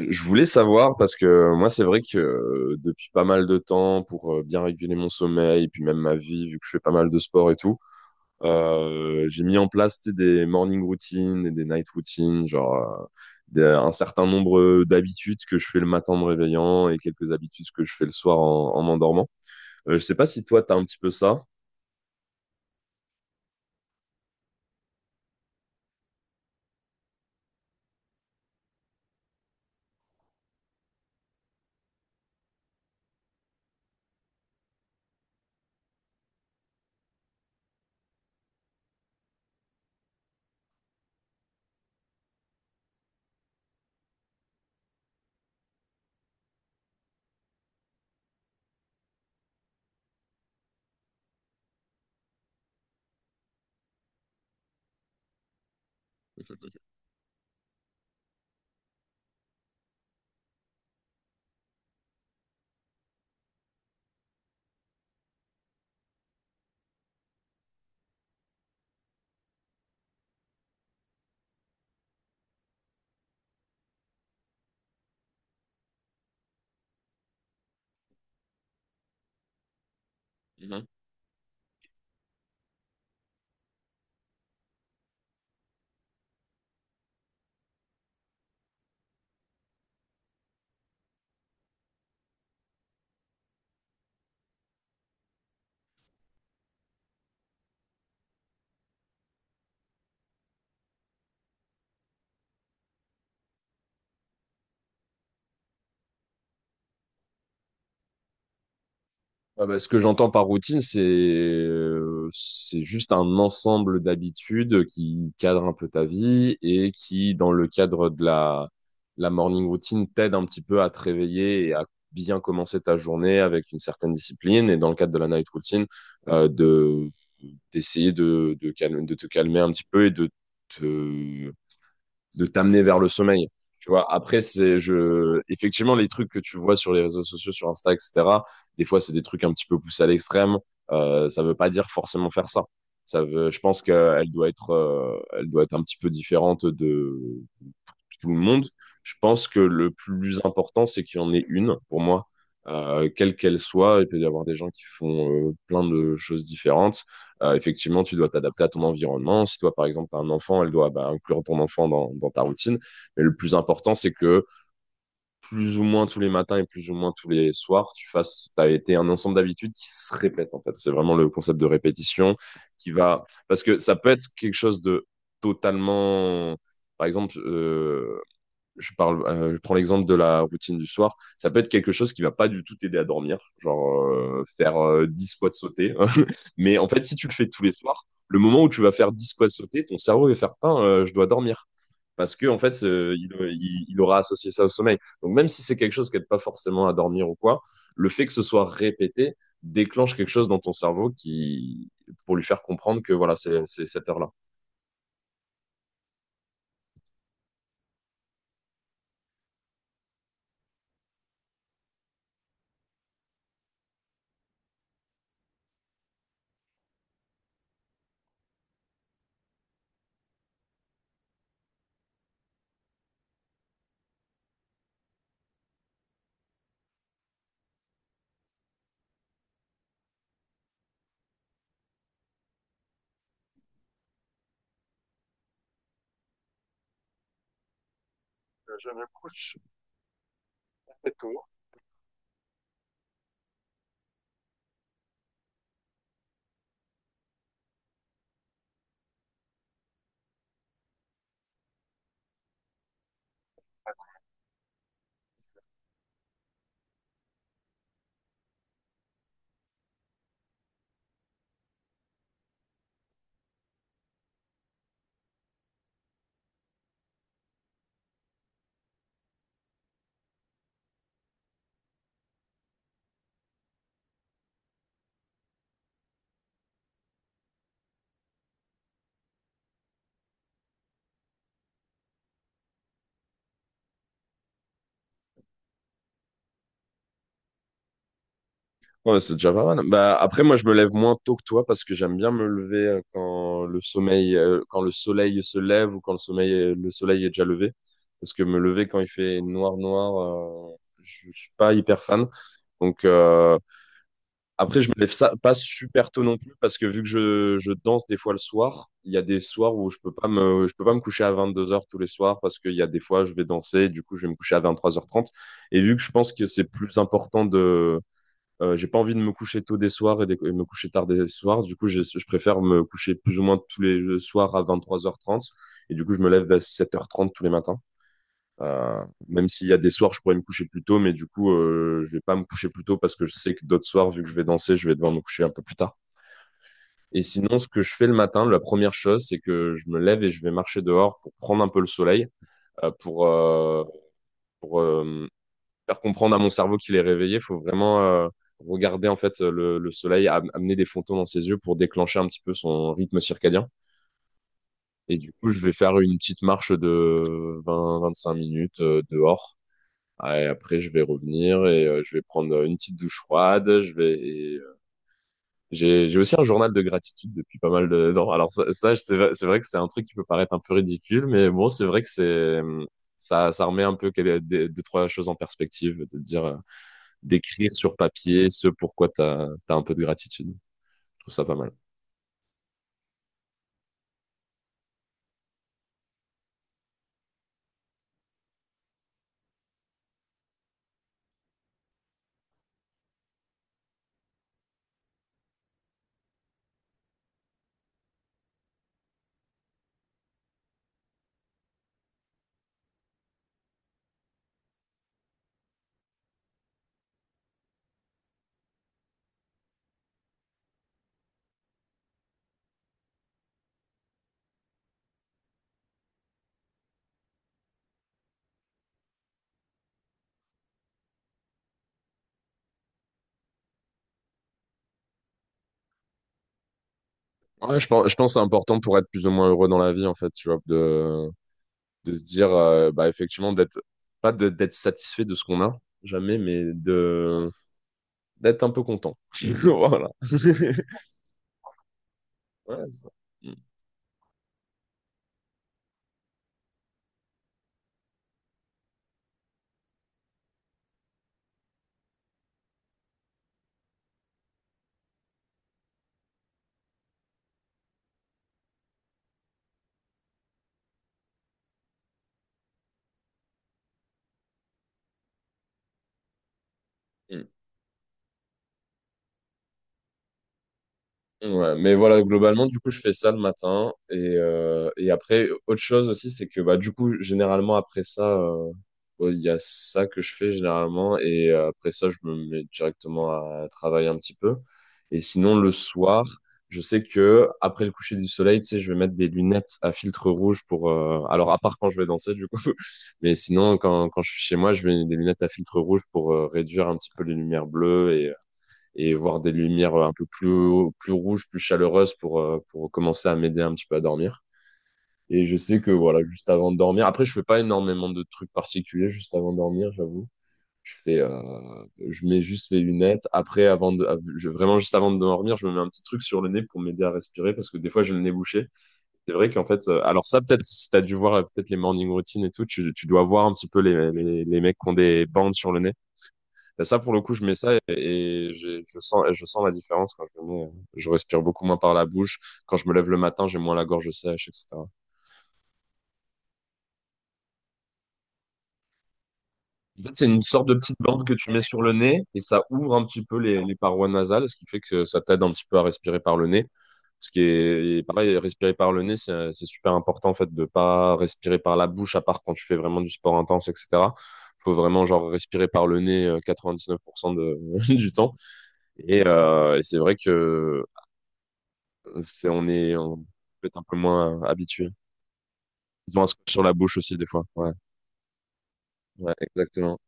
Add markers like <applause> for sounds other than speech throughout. Je voulais savoir parce que moi, c'est vrai que depuis pas mal de temps, pour bien réguler mon sommeil, puis même ma vie, vu que je fais pas mal de sport et tout, j'ai mis en place tu sais, des morning routines et des night routines, genre un certain nombre d'habitudes que je fais le matin en me réveillant et quelques habitudes que je fais le soir en m'endormant. Je sais pas si toi, t'as un petit peu ça. Ah bah, ce que j'entends par routine, c'est juste un ensemble d'habitudes qui cadre un peu ta vie et qui, dans le cadre de la morning routine, t'aide un petit peu à te réveiller et à bien commencer ta journée avec une certaine discipline. Et dans le cadre de la night routine, de d'essayer de te calmer un petit peu et de te de t'amener vers le sommeil. Tu vois, après, c'est je effectivement les trucs que tu vois sur les réseaux sociaux, sur Insta, etc. Des fois, c'est des trucs un petit peu poussés à l'extrême. Ça veut pas dire forcément faire ça. Je pense qu'elle doit être, elle doit être un petit peu différente de tout le monde. Je pense que le plus important, c'est qu'il y en ait une, pour moi, quelle qu'elle soit. Il peut y avoir des gens qui font plein de choses différentes. Effectivement, tu dois t'adapter à ton environnement. Si toi, par exemple, tu as un enfant, elle doit bah, inclure ton enfant dans ta routine. Mais le plus important, c'est que plus ou moins tous les matins et plus ou moins tous les soirs, tu fasses, t'as été un ensemble d'habitudes qui se répètent, en fait. C'est vraiment le concept de répétition qui va. Parce que ça peut être quelque chose de totalement. Par exemple, je parle, je prends l'exemple de la routine du soir, ça peut être quelque chose qui va pas du tout t'aider à dormir, genre faire 10 squats sautés. <laughs> Mais en fait, si tu le fais tous les soirs, le moment où tu vas faire 10 squats sautés, ton cerveau va faire Tain, je dois dormir. Parce que en fait, il aura associé ça au sommeil. Donc même si c'est quelque chose qui n'aide pas forcément à dormir ou quoi, le fait que ce soit répété déclenche quelque chose dans ton cerveau qui pour lui faire comprendre que voilà, c'est cette heure-là. Ouais, c'est déjà pas mal. Bah, après, moi, je me lève moins tôt que toi parce que j'aime bien me lever quand le sommeil, quand le soleil se lève ou quand le sommeil, le soleil est déjà levé. Parce que me lever quand il fait noir, noir, je suis pas hyper fan. Donc, après, je me lève ça, pas super tôt non plus parce que vu que je danse des fois le soir, il y a des soirs où je peux pas je peux pas me coucher à 22h tous les soirs parce qu'il y a des fois, je vais danser, du coup, je vais me coucher à 23h30. Et vu que je pense que c'est plus important de j'ai pas envie de me coucher tôt des soirs et me coucher tard des soirs. Du coup, je préfère me coucher plus ou moins tous les soirs à 23h30. Et du coup, je me lève à 7h30 tous les matins. Euh, Même s'il y a des soirs, je pourrais me coucher plus tôt, mais du coup, je vais pas me coucher plus tôt parce que je sais que d'autres soirs, vu que je vais danser, je vais devoir me coucher un peu plus tard. Et sinon, ce que je fais le matin, la première chose, c'est que je me lève et je vais marcher dehors pour prendre un peu le soleil, euh, pour, euh, pour, euh, faire comprendre à mon cerveau qu'il est réveillé, il faut vraiment regarder en fait le soleil amener des photons dans ses yeux pour déclencher un petit peu son rythme circadien. Et du coup, je vais faire une petite marche de 20-25 minutes dehors. Et après, je vais revenir et je vais prendre une petite douche froide. J'ai aussi un journal de gratitude depuis pas mal de <laughs> temps. Alors ça, c'est vrai que c'est un truc qui peut paraître un peu ridicule, mais bon, c'est vrai que c'est ça ça remet un peu deux trois choses en perspective de te dire. D'écrire sur papier ce pourquoi tu as, un peu de gratitude. Je trouve ça pas mal. Ouais, je pense que c'est important pour être plus ou moins heureux dans la vie, en fait, tu vois, de se dire, bah, effectivement, d'être, pas de- d'être satisfait de ce qu'on a, jamais, mais de, d'être un peu content. <laughs> Voilà. <laughs> Ouais, c'est ça. Mm, mm. Mm, ouais, mais voilà, globalement, du coup, je fais ça le matin. Et après, autre chose aussi, c'est que bah, du coup, généralement, après ça, ouais, il y a ça que je fais généralement et après ça, je me mets directement à travailler un petit peu. Et sinon, le soir, je sais que après le coucher du soleil, tu sais, je vais mettre des lunettes à filtre rouge pour. Alors, à part quand je vais danser, du coup, <laughs> mais sinon, quand je suis chez moi, je mets des lunettes à filtre rouge pour réduire un petit peu les lumières bleues et voir des lumières un peu plus, plus rouges, plus chaleureuses pour commencer à m'aider un petit peu à dormir. Et je sais que voilà, juste avant de dormir, après, je fais pas énormément de trucs particuliers juste avant de dormir, j'avoue. Je fais, je mets juste les lunettes. Après, avant de, av- je- vraiment juste avant de dormir, je me mets un petit truc sur le nez pour m'aider à respirer parce que des fois, j'ai le nez bouché. C'est vrai qu'en fait, alors ça, peut-être, si t'as dû voir peut-être les morning routines et tout, tu dois voir un petit peu les mecs qui ont des bandes sur le nez. Bah, ça, pour le coup, je mets ça et je sens la différence quand je le mets. Je respire beaucoup moins par la bouche. Quand je me lève le matin, j'ai moins la gorge sèche, etc. En fait, c'est une sorte de petite bande que tu mets sur le nez et ça ouvre un petit peu les parois nasales, ce qui fait que ça t'aide un petit peu à respirer par le nez. Ce qui est et pareil, respirer par le nez, c'est super important en fait de pas respirer par la bouche, à part quand tu fais vraiment du sport intense, etc. Faut vraiment genre respirer par le nez 99% <laughs> du temps. Et c'est vrai que c'est on est on peut être un peu moins habitué. Ils ont un scotch sur la bouche aussi des fois. Ouais, ouais, exactement.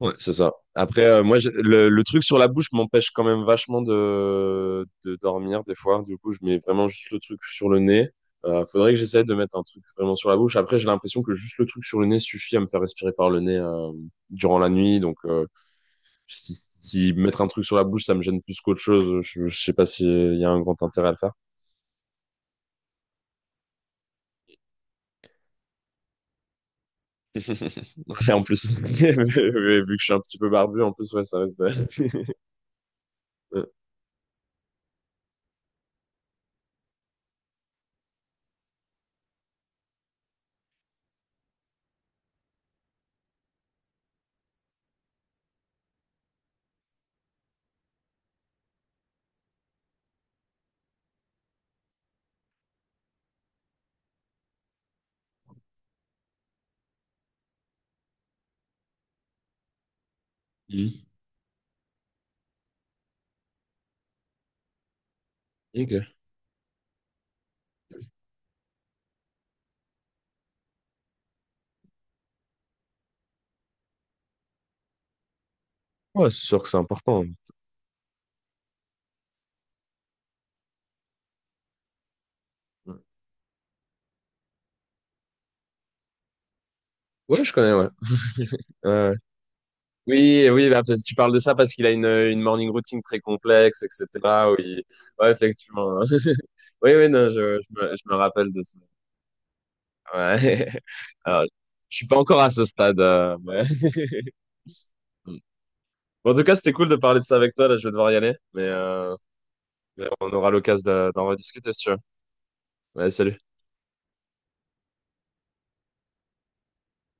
Ouais, c'est ça. Après, moi, le truc sur la bouche m'empêche quand même vachement de dormir des fois. Du coup, je mets vraiment juste le truc sur le nez. Faudrait que j'essaie de mettre un truc vraiment sur la bouche. Après, j'ai l'impression que juste le truc sur le nez suffit à me faire respirer par le nez durant la nuit. Donc, si mettre un truc sur la bouche, ça me gêne plus qu'autre chose, je sais pas s'il y a un grand intérêt à le faire. <laughs> Ouais, en plus, <laughs> mais vu que je suis un petit peu barbu, en plus, ouais, ça reste. <laughs> Ouais. Mhm. Ok. Ouais, c'est sûr que c'est important. Ouais. Ouais, je connais, ouais. Ouais. Oui, oui, bah, parce que tu parles de ça parce qu'il a une morning routine très complexe, etc. Oui, ouais, effectivement. <laughs> Oui, oui, non, je me rappelle de ça. Ouais. <laughs> Alors, je suis pas encore à ce stade. Ouais. Mm. Bon, en tout cas, c'était cool de parler de ça avec toi. Là, je vais devoir y aller, mais on aura l'occasion d'en rediscuter, si tu veux. Ouais, salut.